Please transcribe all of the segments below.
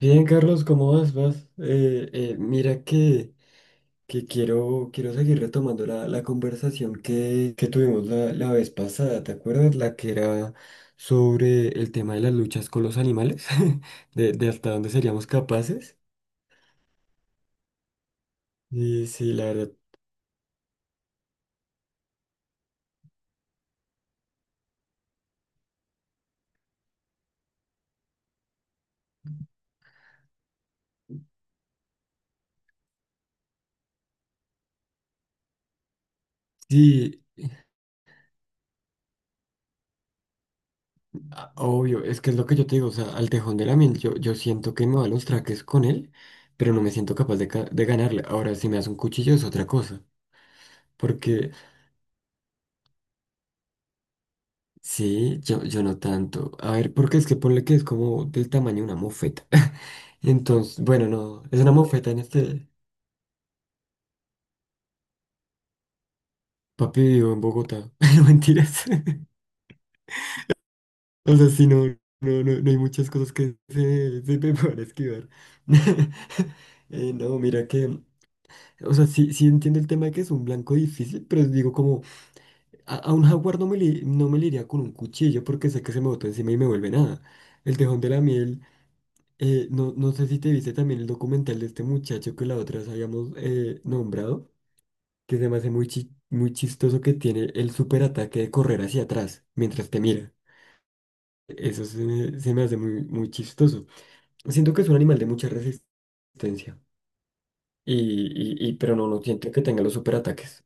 Bien, Carlos, ¿cómo vas? ¿Vas? Mira que quiero seguir retomando la conversación que tuvimos la vez pasada, ¿te acuerdas? La que era sobre el tema de las luchas con los animales, de hasta dónde seríamos capaces. Y sí, la verdad, sí, obvio, es que es lo que yo te digo, o sea, al tejón de la miel, yo siento que me va a los traques con él, pero no me siento capaz de, de ganarle. Ahora, si me das un cuchillo es otra cosa. Porque sí, yo no tanto. A ver, porque es que ponle que es como del tamaño de una mofeta. Entonces, bueno, no, es una mofeta en este. Papi vivo en Bogotá. No, mentiras. O sea, sí, no, no hay muchas cosas que se me puedan esquivar. No, mira que. O sea, sí, sí entiendo el tema de que es un blanco difícil, pero digo como a un jaguar no me, no me le iría con un cuchillo porque sé que se me bota encima y me vuelve nada. El tejón de la miel. No, no sé si te viste también el documental de este muchacho que la otra vez habíamos nombrado, que se me hace muy, muy chistoso que tiene el superataque de correr hacia atrás mientras te mira. Eso se me hace muy, muy chistoso. Siento que es un animal de mucha resistencia, y, pero no, no siento que tenga los superataques.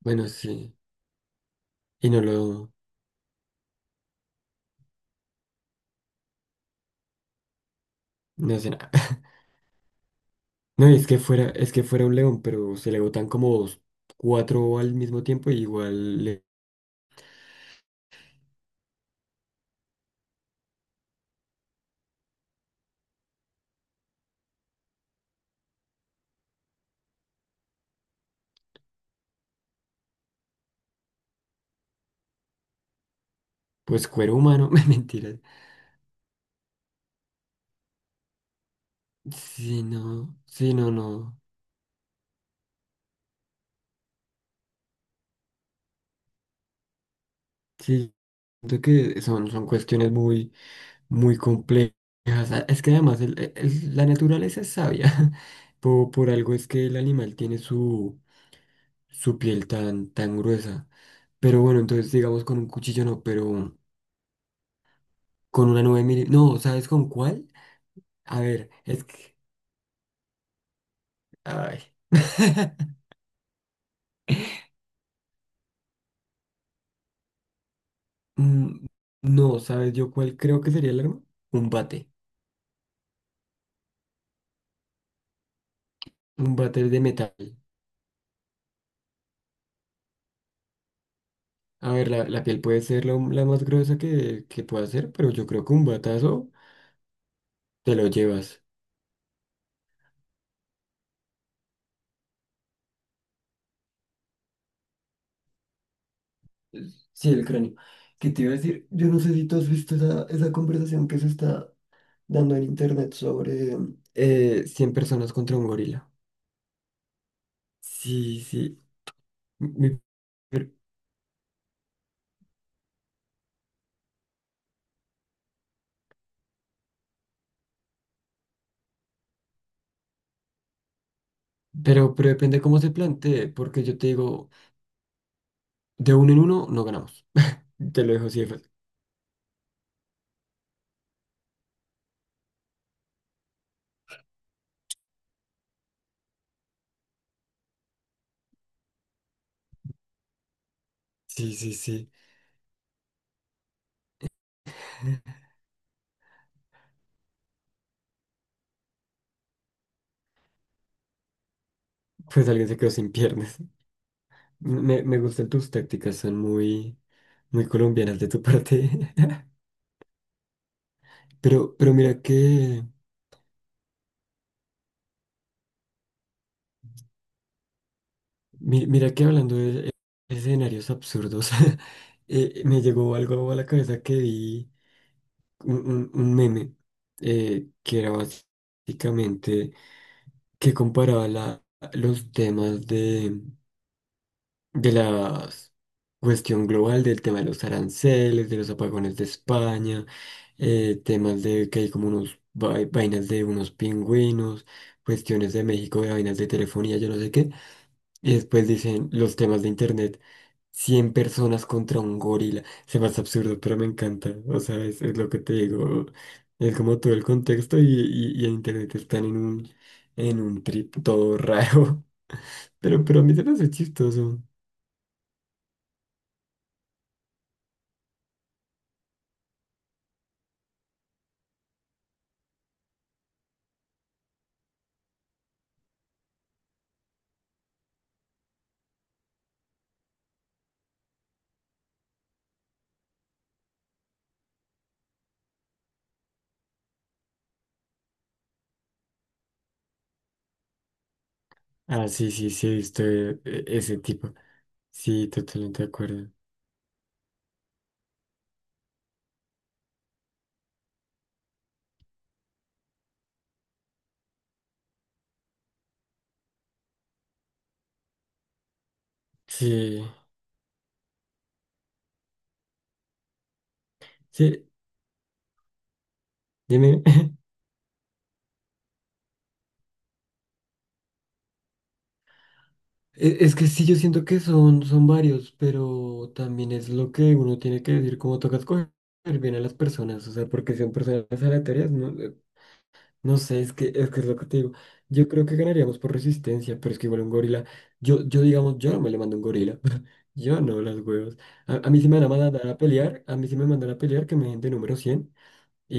Bueno, sí, y no lo, no hace nada. No, y es que fuera un león, pero se le botan como cuatro al mismo tiempo y igual, le- pues cuero humano, mentira. Sí, no, sí, no, no. Sí, siento que son, son cuestiones muy, muy complejas. Ah, es que además la naturaleza es sabia. Por algo es que el animal tiene su, su piel tan, tan gruesa. Pero bueno, entonces digamos con un cuchillo no, pero con una nueve mil... No, ¿sabes con cuál? A ver, es que... Ay. Mm, no, ¿sabes yo cuál creo que sería el arma? Un bate. Un bate de metal. A ver, la piel puede ser la más gruesa que pueda ser, pero yo creo que un batazo te lo llevas. Sí, el cráneo. ¿Qué te iba a decir? Yo no sé si tú has visto esa, esa conversación que se está dando en internet sobre... 100 personas contra un gorila. Sí, sí. Mi- per- pero depende cómo se plantee, porque yo te digo, de uno en uno no ganamos. Te lo dejo así de fácil. Sí, sí, sí. Pues alguien se quedó sin piernas. Me gustan tus tácticas, son muy, muy colombianas de tu parte. Pero mira que, mira que hablando de escenarios absurdos, me llegó algo a la cabeza que vi un, un meme que era básicamente que comparaba los temas de la cuestión global del tema de los aranceles, de los apagones de España, temas de que hay como unos vainas de unos pingüinos, cuestiones de México, de vainas de telefonía, yo no sé qué. Y después dicen los temas de internet. Cien personas contra un gorila. Se me hace absurdo, pero me encanta. O sea, es lo que te digo. Es como todo el contexto y, y en internet están en un trip todo raro. Pero a mí se me hace chistoso. Ah, sí, sí, sí, he visto ese tipo. Sí, totalmente de acuerdo. Sí, sí, dime. Es que sí, yo siento que son, son varios, pero también es lo que uno tiene que decir, como toca escoger bien a las personas, o sea, porque son personas aleatorias, no, no sé, es que, es que es lo que te digo. Yo creo que ganaríamos por resistencia, pero es que igual un gorila, yo digamos, yo no me le mando a un gorila, yo no, las huevas. A mí si me van a mandar a pelear, a mí si me mandan a pelear, que me den de número cien. Y,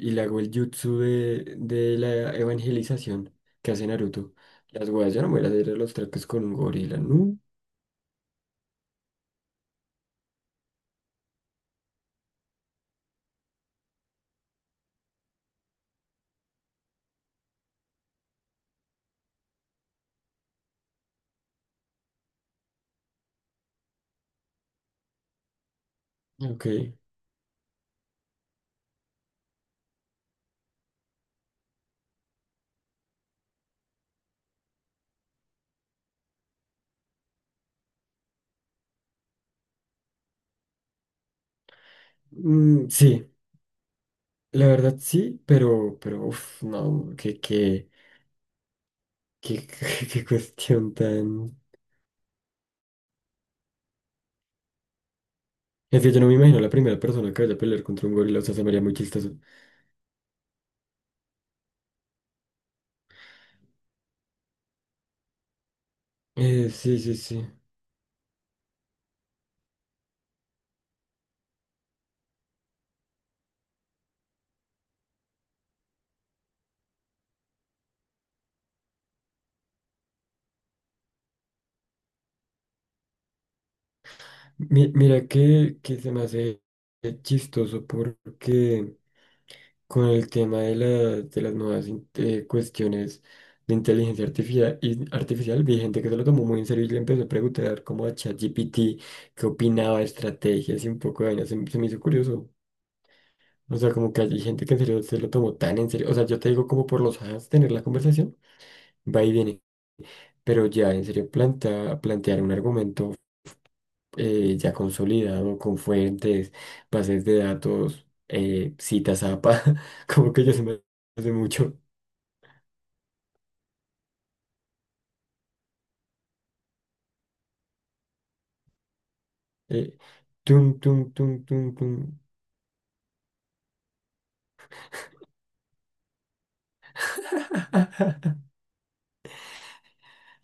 y, Y le hago el jutsu de la evangelización que hace Naruto. Las weas, yo no me voy a hacer los traques con un gorila, ¿no? Ok. Mm, sí, la verdad sí, pero, uff, no, qué, qué, qué cuestión tan. Es que yo no me imagino la primera persona que vaya a pelear contra un gorila, o sea, se me haría muy chistoso. Sí, sí, sí. Mira que se me hace chistoso porque. Con el tema de, de las nuevas cuestiones de inteligencia artificial, artificial, vi gente que se lo tomó muy en serio y le empezó a preguntar como a ChatGPT qué opinaba, estrategias y un poco de vainas. Se me hizo curioso. O sea, como que hay gente que en serio se lo tomó tan en serio. O sea, yo te digo como por los ajas tener la conversación, va y viene. Pero ya en serio plantear un argumento ya consolidado con fuentes, bases de datos, citas APA, como que ya se me hace mucho. eh, Tum, tum, tum, tum, tum.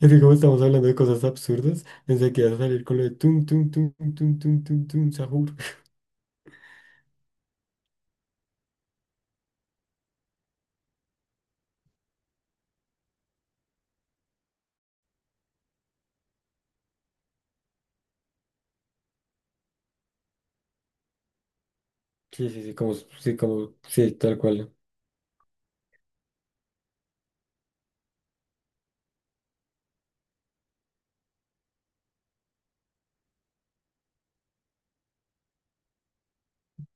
Es que como estamos hablando de cosas absurdas, pensé que ibas a salir con lo de tum, tum, tum, tum, tum, tum, tum, sahur. Sí, sí, sí, como, sí, como, sí, tal cual.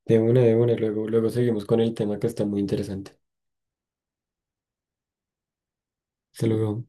De una, luego, luego seguimos con el tema que está muy interesante. Se lo luego.